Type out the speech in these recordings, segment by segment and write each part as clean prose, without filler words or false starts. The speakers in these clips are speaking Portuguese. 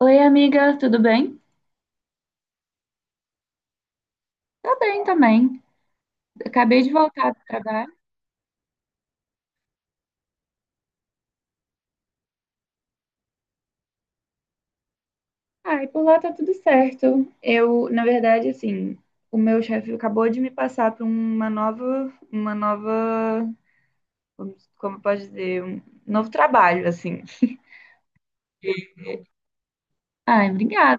Oi, amiga, tudo bem? Tá bem também. Acabei de voltar do trabalho. Ai, por lá tá tudo certo. Eu, na verdade, assim, o meu chefe acabou de me passar para uma nova, como pode dizer, um novo trabalho, assim. Ai, obrigada.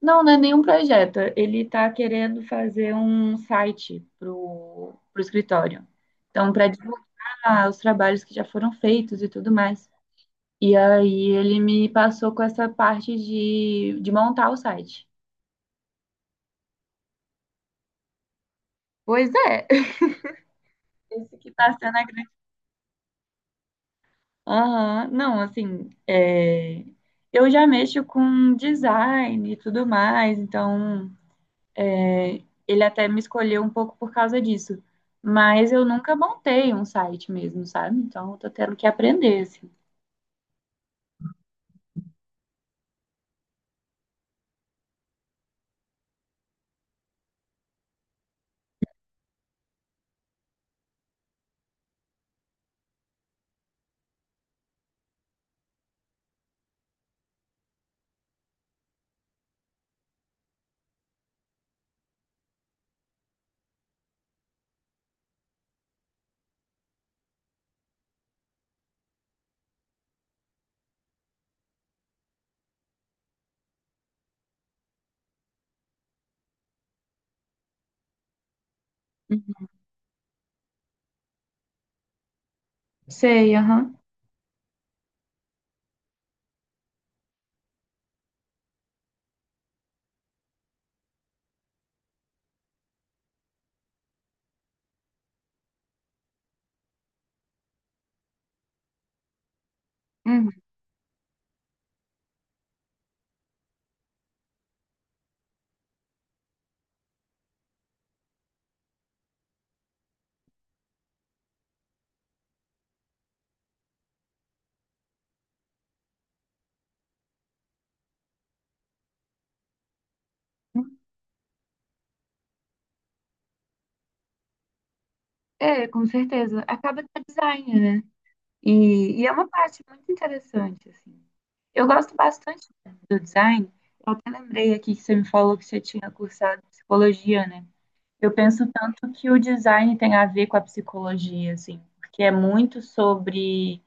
Não, não é nenhum projeto. Ele tá querendo fazer um site pro escritório. Então, para divulgar os trabalhos que já foram feitos e tudo mais. E aí ele me passou com essa parte de montar o site. Pois é. Esse que tá sendo a grande. Aham, não, assim, é, eu já mexo com design e tudo mais, então é, ele até me escolheu um pouco por causa disso. Mas eu nunca montei um site mesmo, sabe? Então eu tô tendo que aprender, assim. Sei, aham. Uhum. É, com certeza. Acaba que é design, né? E é uma parte muito interessante, assim. Eu gosto bastante do design. Eu até lembrei aqui que você me falou que você tinha cursado psicologia, né? Eu penso tanto que o design tem a ver com a psicologia, assim, porque é muito sobre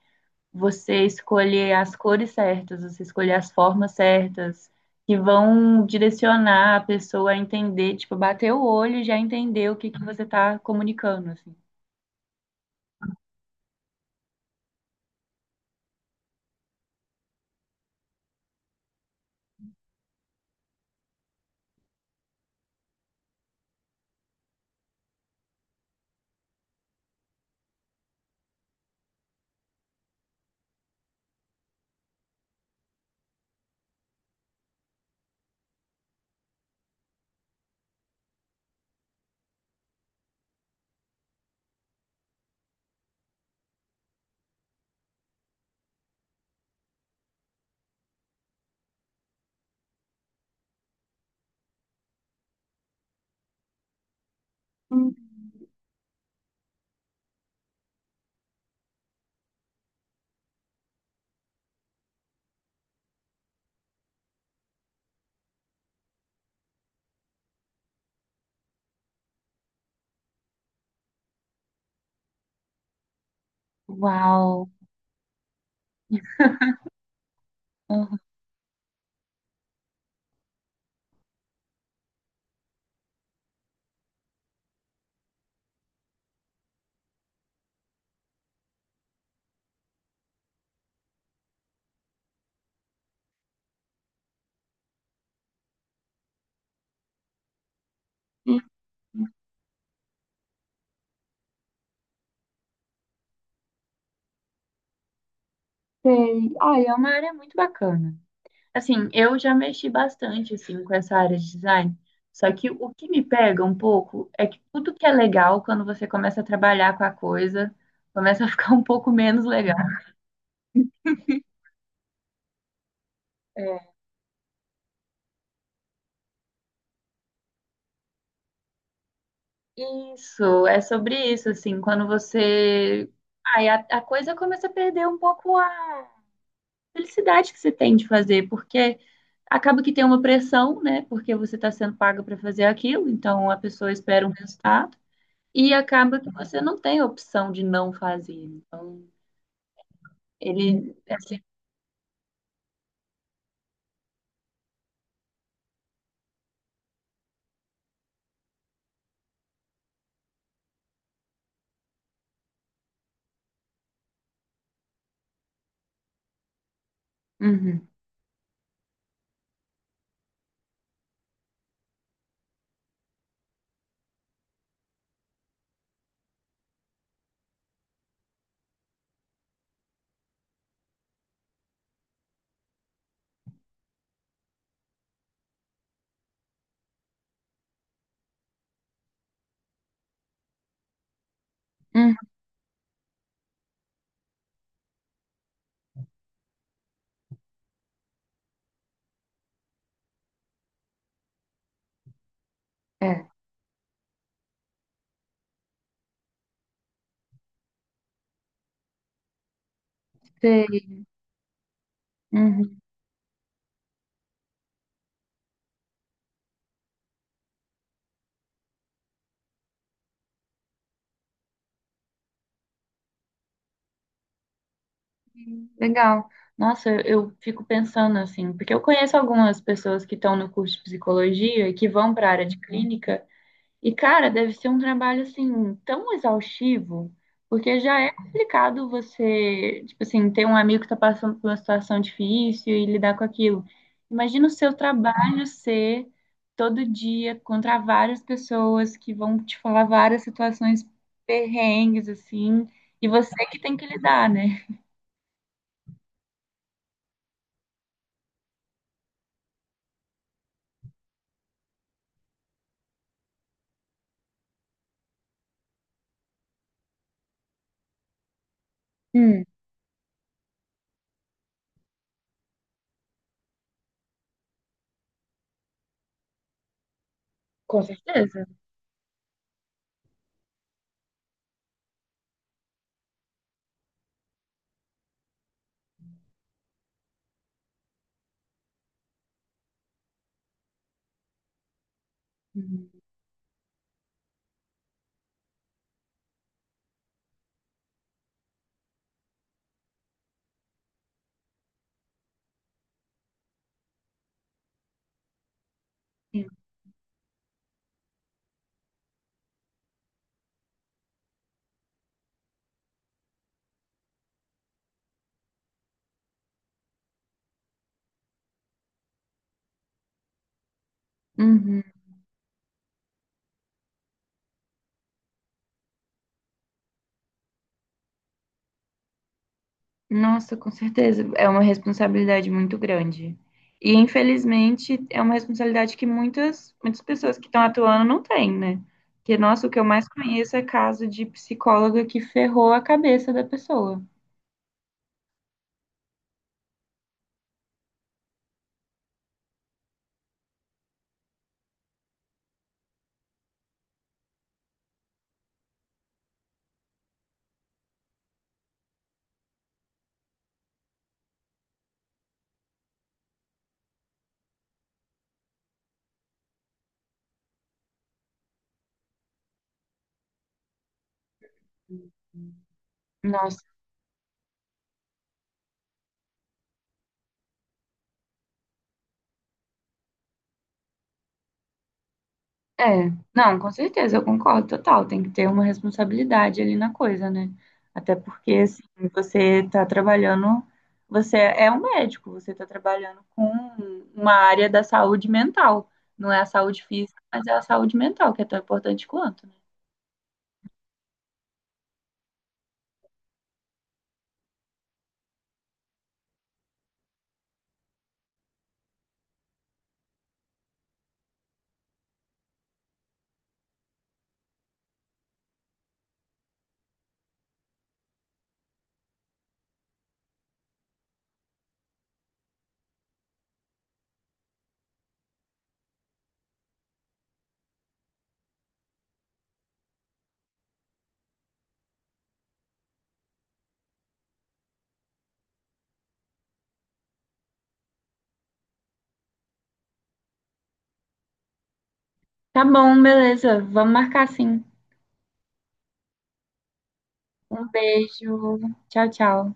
você escolher as cores certas, você escolher as formas certas, que vão direcionar a pessoa a entender, tipo, bater o olho e já entender o que que você está comunicando, assim. Hum. Uau! Uhum. Sei. Olha, é uma área muito bacana. Assim, eu já mexi bastante, assim, com essa área de design. Só que o que me pega um pouco é que tudo que é legal, quando você começa a trabalhar com a coisa, começa a ficar um pouco menos legal. É. Isso, é sobre isso, assim, quando você... Aí a coisa começa a perder um pouco a felicidade que você tem de fazer, porque acaba que tem uma pressão, né? Porque você está sendo paga para fazer aquilo, então a pessoa espera um resultado. E acaba que você não tem a opção de não fazer. Então, ele, é assim, uhum. Uhum. É, sei. Uhum. Legal. Nossa, eu fico pensando assim, porque eu conheço algumas pessoas que estão no curso de psicologia e que vão para a área de uhum clínica. E, cara, deve ser um trabalho, assim, tão exaustivo, porque já é complicado você, tipo assim, ter um amigo que tá passando por uma situação difícil e lidar com aquilo. Imagina o seu trabalho ser todo dia contra várias pessoas que vão te falar várias situações perrengues, assim, e você que tem que lidar, né? Hum, com certeza. Uhum. Sim. Uhum. Nossa, com certeza. É uma responsabilidade muito grande. E, infelizmente, é uma responsabilidade que muitas, muitas pessoas que estão atuando não têm, né? Porque, nossa, o que eu mais conheço é caso de psicóloga que ferrou a cabeça da pessoa. Nossa. É, não, com certeza, eu concordo total. Tem que ter uma responsabilidade ali na coisa, né? Até porque, assim, você está trabalhando, você é um médico, você está trabalhando com uma área da saúde mental. Não é a saúde física, mas é a saúde mental, que é tão importante quanto, né? Tá bom, beleza. Vamos marcar sim. Um beijo. Tchau, tchau.